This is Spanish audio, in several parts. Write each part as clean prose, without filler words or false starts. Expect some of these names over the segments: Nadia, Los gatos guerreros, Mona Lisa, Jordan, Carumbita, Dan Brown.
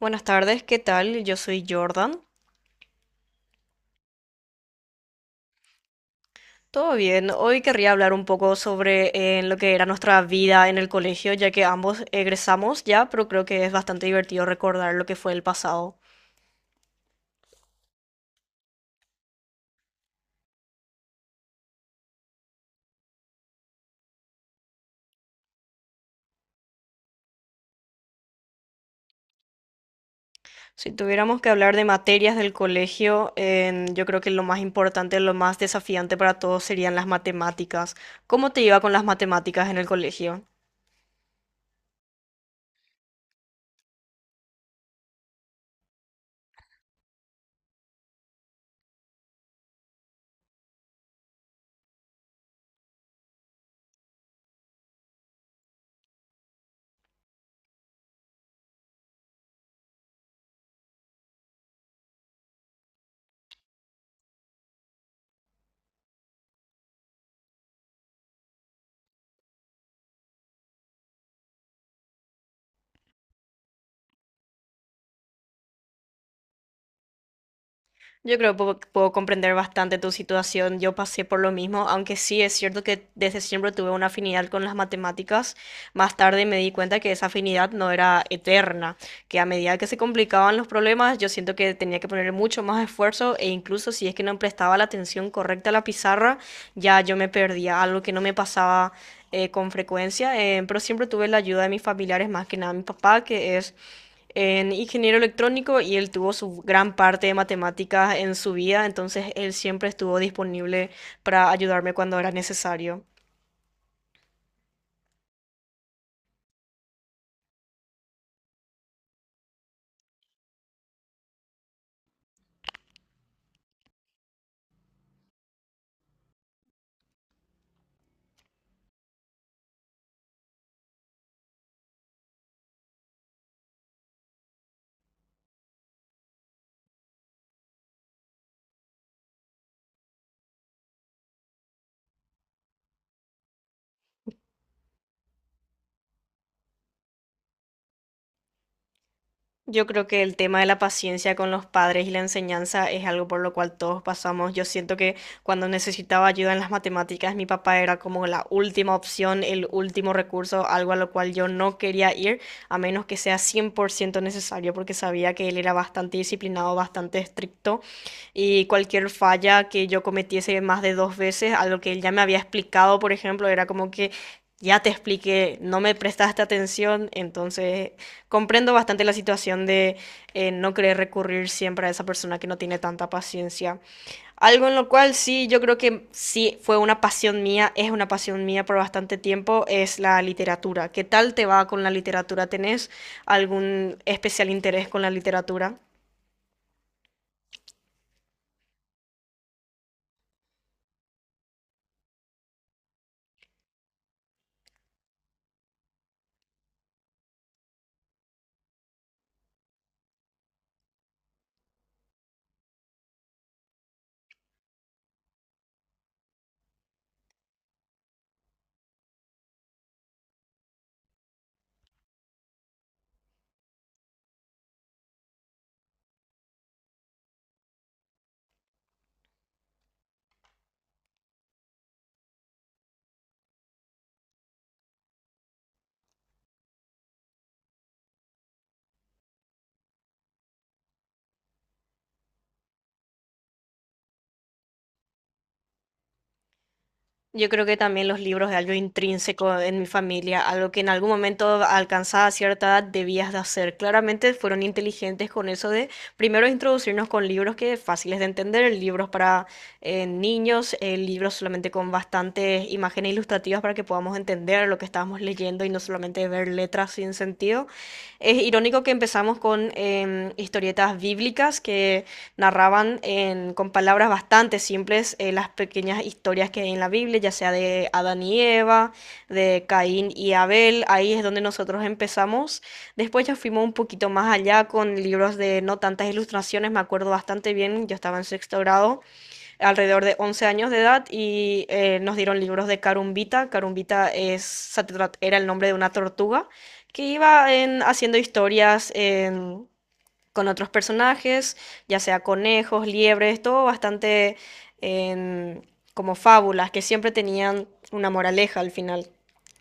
Buenas tardes, ¿qué tal? Yo soy Jordan. Todo bien. Hoy querría hablar un poco sobre lo que era nuestra vida en el colegio, ya que ambos egresamos ya, pero creo que es bastante divertido recordar lo que fue el pasado. Si tuviéramos que hablar de materias del colegio, yo creo que lo más importante, lo más desafiante para todos serían las matemáticas. ¿Cómo te iba con las matemáticas en el colegio? Yo creo que puedo comprender bastante tu situación. Yo pasé por lo mismo, aunque sí es cierto que desde siempre tuve una afinidad con las matemáticas. Más tarde me di cuenta que esa afinidad no era eterna, que a medida que se complicaban los problemas, yo siento que tenía que poner mucho más esfuerzo e incluso si es que no prestaba la atención correcta a la pizarra, ya yo me perdía, algo que no me pasaba con frecuencia, pero siempre tuve la ayuda de mis familiares, más que nada mi papá, que es en ingeniero electrónico y él tuvo su gran parte de matemáticas en su vida, entonces él siempre estuvo disponible para ayudarme cuando era necesario. Yo creo que el tema de la paciencia con los padres y la enseñanza es algo por lo cual todos pasamos. Yo siento que cuando necesitaba ayuda en las matemáticas, mi papá era como la última opción, el último recurso, algo a lo cual yo no quería ir, a menos que sea 100% necesario, porque sabía que él era bastante disciplinado, bastante estricto, y cualquier falla que yo cometiese más de dos veces, algo que él ya me había explicado, por ejemplo, era como que, ya te expliqué, no me prestaste atención, entonces comprendo bastante la situación de no querer recurrir siempre a esa persona que no tiene tanta paciencia. Algo en lo cual sí, yo creo que sí fue una pasión mía, es una pasión mía por bastante tiempo, es la literatura. ¿Qué tal te va con la literatura? ¿Tenés algún especial interés con la literatura? Yo creo que también los libros es algo intrínseco en mi familia, algo que en algún momento alcanzada cierta edad debías de hacer. Claramente fueron inteligentes con eso de primero introducirnos con libros que fáciles de entender, libros para niños, libros solamente con bastantes imágenes ilustrativas para que podamos entender lo que estábamos leyendo y no solamente ver letras sin sentido. Es irónico que empezamos con historietas bíblicas que narraban con palabras bastante simples las pequeñas historias que hay en la Biblia, ya sea de Adán y Eva, de Caín y Abel, ahí es donde nosotros empezamos. Después ya fuimos un poquito más allá con libros de no tantas ilustraciones, me acuerdo bastante bien, yo estaba en sexto grado, alrededor de 11 años de edad, y nos dieron libros de Carumbita. Carumbita es, era el nombre de una tortuga que iba haciendo historias en con otros personajes, ya sea conejos, liebres, todo bastante en- como fábulas que siempre tenían una moraleja al final.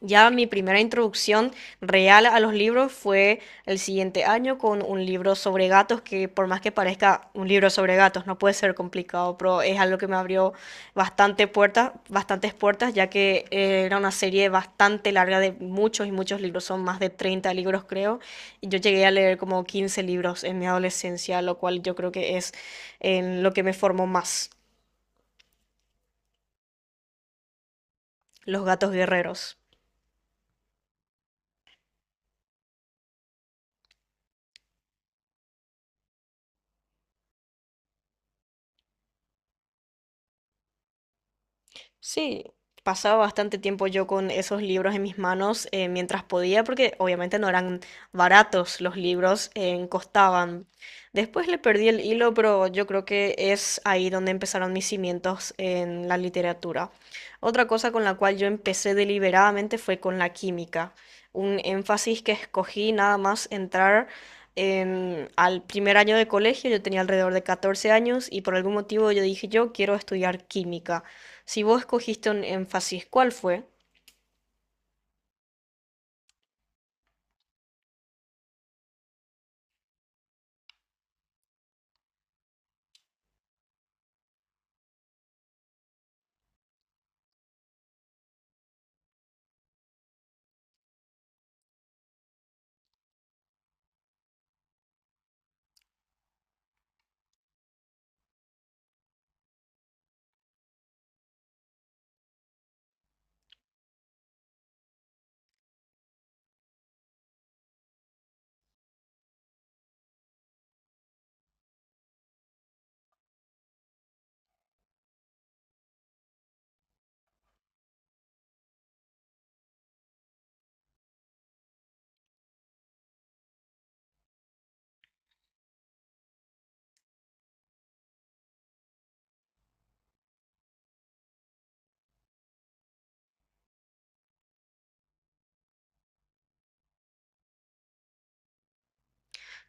Ya mi primera introducción real a los libros fue el siguiente año con un libro sobre gatos que por más que parezca un libro sobre gatos no puede ser complicado, pero es algo que me abrió bastante puertas, bastantes puertas, ya que era una serie bastante larga de muchos y muchos libros, son más de 30 libros creo, yo llegué a leer como 15 libros en mi adolescencia, lo cual yo creo que es en lo que me formó más. Los gatos guerreros. Sí, pasaba bastante tiempo yo con esos libros en mis manos mientras podía, porque obviamente no eran baratos los libros, costaban. Después le perdí el hilo, pero yo creo que es ahí donde empezaron mis cimientos en la literatura. Otra cosa con la cual yo empecé deliberadamente fue con la química, un énfasis que escogí nada más entrar. Al primer año de colegio yo tenía alrededor de 14 años y por algún motivo yo dije yo quiero estudiar química. Si vos escogiste un énfasis, ¿cuál fue?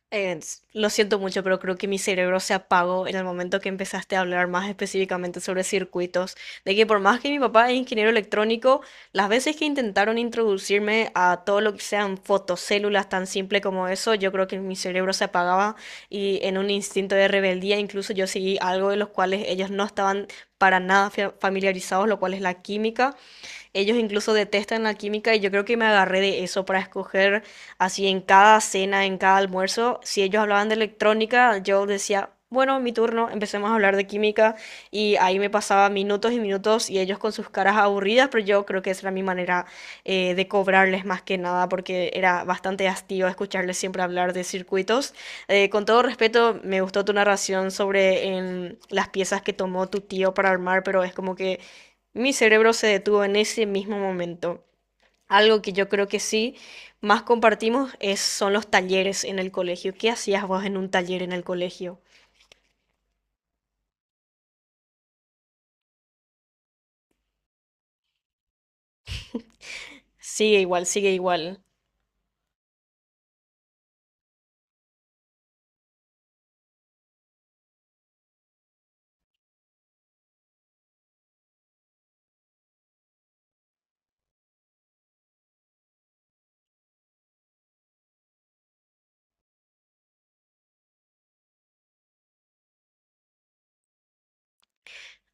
Eh, lo siento mucho, pero creo que mi cerebro se apagó en el momento que empezaste a hablar más específicamente sobre circuitos, de que por más que mi papá es ingeniero electrónico, las veces que intentaron introducirme a todo lo que sean fotocélulas tan simple como eso, yo creo que mi cerebro se apagaba y en un instinto de rebeldía incluso yo seguí algo de los cuales ellos no estaban para nada familiarizados, lo cual es la química. Ellos incluso detestan la química y yo creo que me agarré de eso para escoger así en cada cena, en cada almuerzo. Si ellos hablaban de electrónica, yo decía, bueno, mi turno, empecemos a hablar de química y ahí me pasaba minutos y minutos y ellos con sus caras aburridas, pero yo creo que esa era mi manera de cobrarles más que nada porque era bastante hastío escucharles siempre hablar de circuitos. Con todo respeto, me gustó tu narración sobre las piezas que tomó tu tío para armar, pero es como que mi cerebro se detuvo en ese mismo momento. Algo que yo creo que sí más compartimos son los talleres en el colegio. ¿Qué hacías vos en un taller en el colegio? Sigue igual, sigue igual.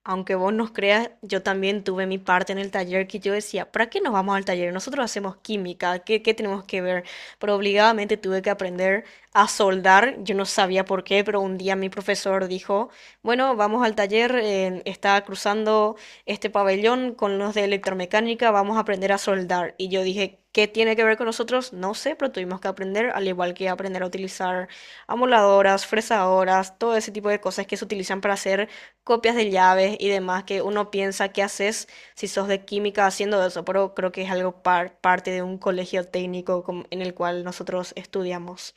Aunque vos nos creas, yo también tuve mi parte en el taller que yo decía, ¿para qué nos vamos al taller? Nosotros hacemos química, ¿qué tenemos que ver? Pero obligadamente tuve que aprender a soldar, yo no sabía por qué, pero un día mi profesor dijo, bueno, vamos al taller, está cruzando este pabellón con los de electromecánica, vamos a aprender a soldar. Y yo dije, ¿qué tiene que ver con nosotros? No sé, pero tuvimos que aprender, al igual que aprender a utilizar amoladoras, fresadoras, todo ese tipo de cosas que se utilizan para hacer copias de llaves y demás que uno piensa que haces si sos de química haciendo eso, pero creo que es algo parte de un colegio técnico en el cual nosotros estudiamos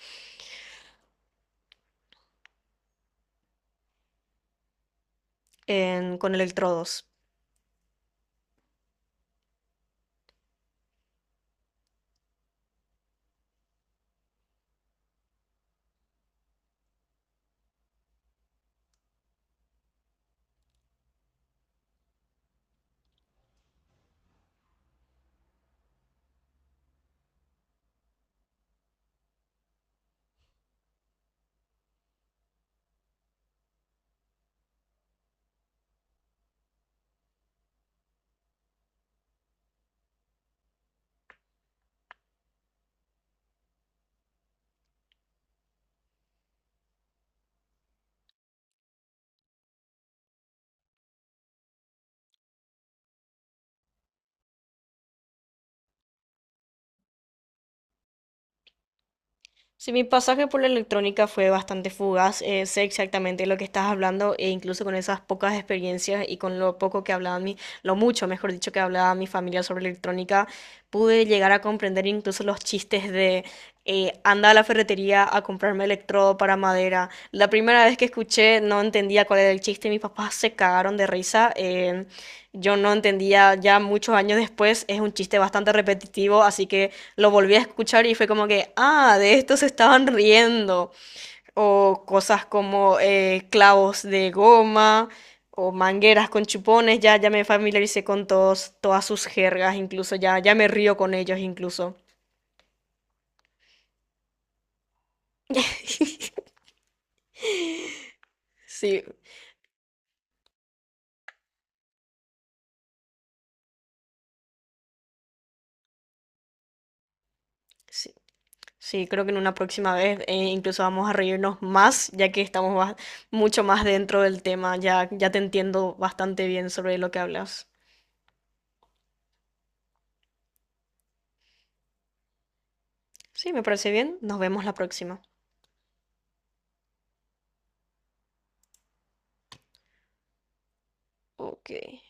con electrodos. Sí, mi pasaje por la electrónica fue bastante fugaz, sé exactamente lo que estás hablando e incluso con esas pocas experiencias y con lo poco que hablaba mi, lo mucho, mejor dicho, que hablaba mi familia sobre electrónica, pude llegar a comprender incluso los chistes de anda a la ferretería a comprarme electrodo para madera. La primera vez que escuché no entendía cuál era el chiste, mis papás se cagaron de risa. Yo no entendía ya muchos años después, es un chiste bastante repetitivo, así que lo volví a escuchar y fue como que, ah, de esto se estaban riendo. O cosas como clavos de goma o mangueras con chupones, ya, ya me familiaricé con todos, todas sus jergas, incluso ya, ya me río con ellos incluso. Sí, sí, sí, creo que en una próxima vez incluso vamos a reírnos más, ya que estamos mucho más dentro del tema, ya, ya te entiendo bastante bien sobre lo que hablas. Sí, me parece bien, nos vemos la próxima. Ok.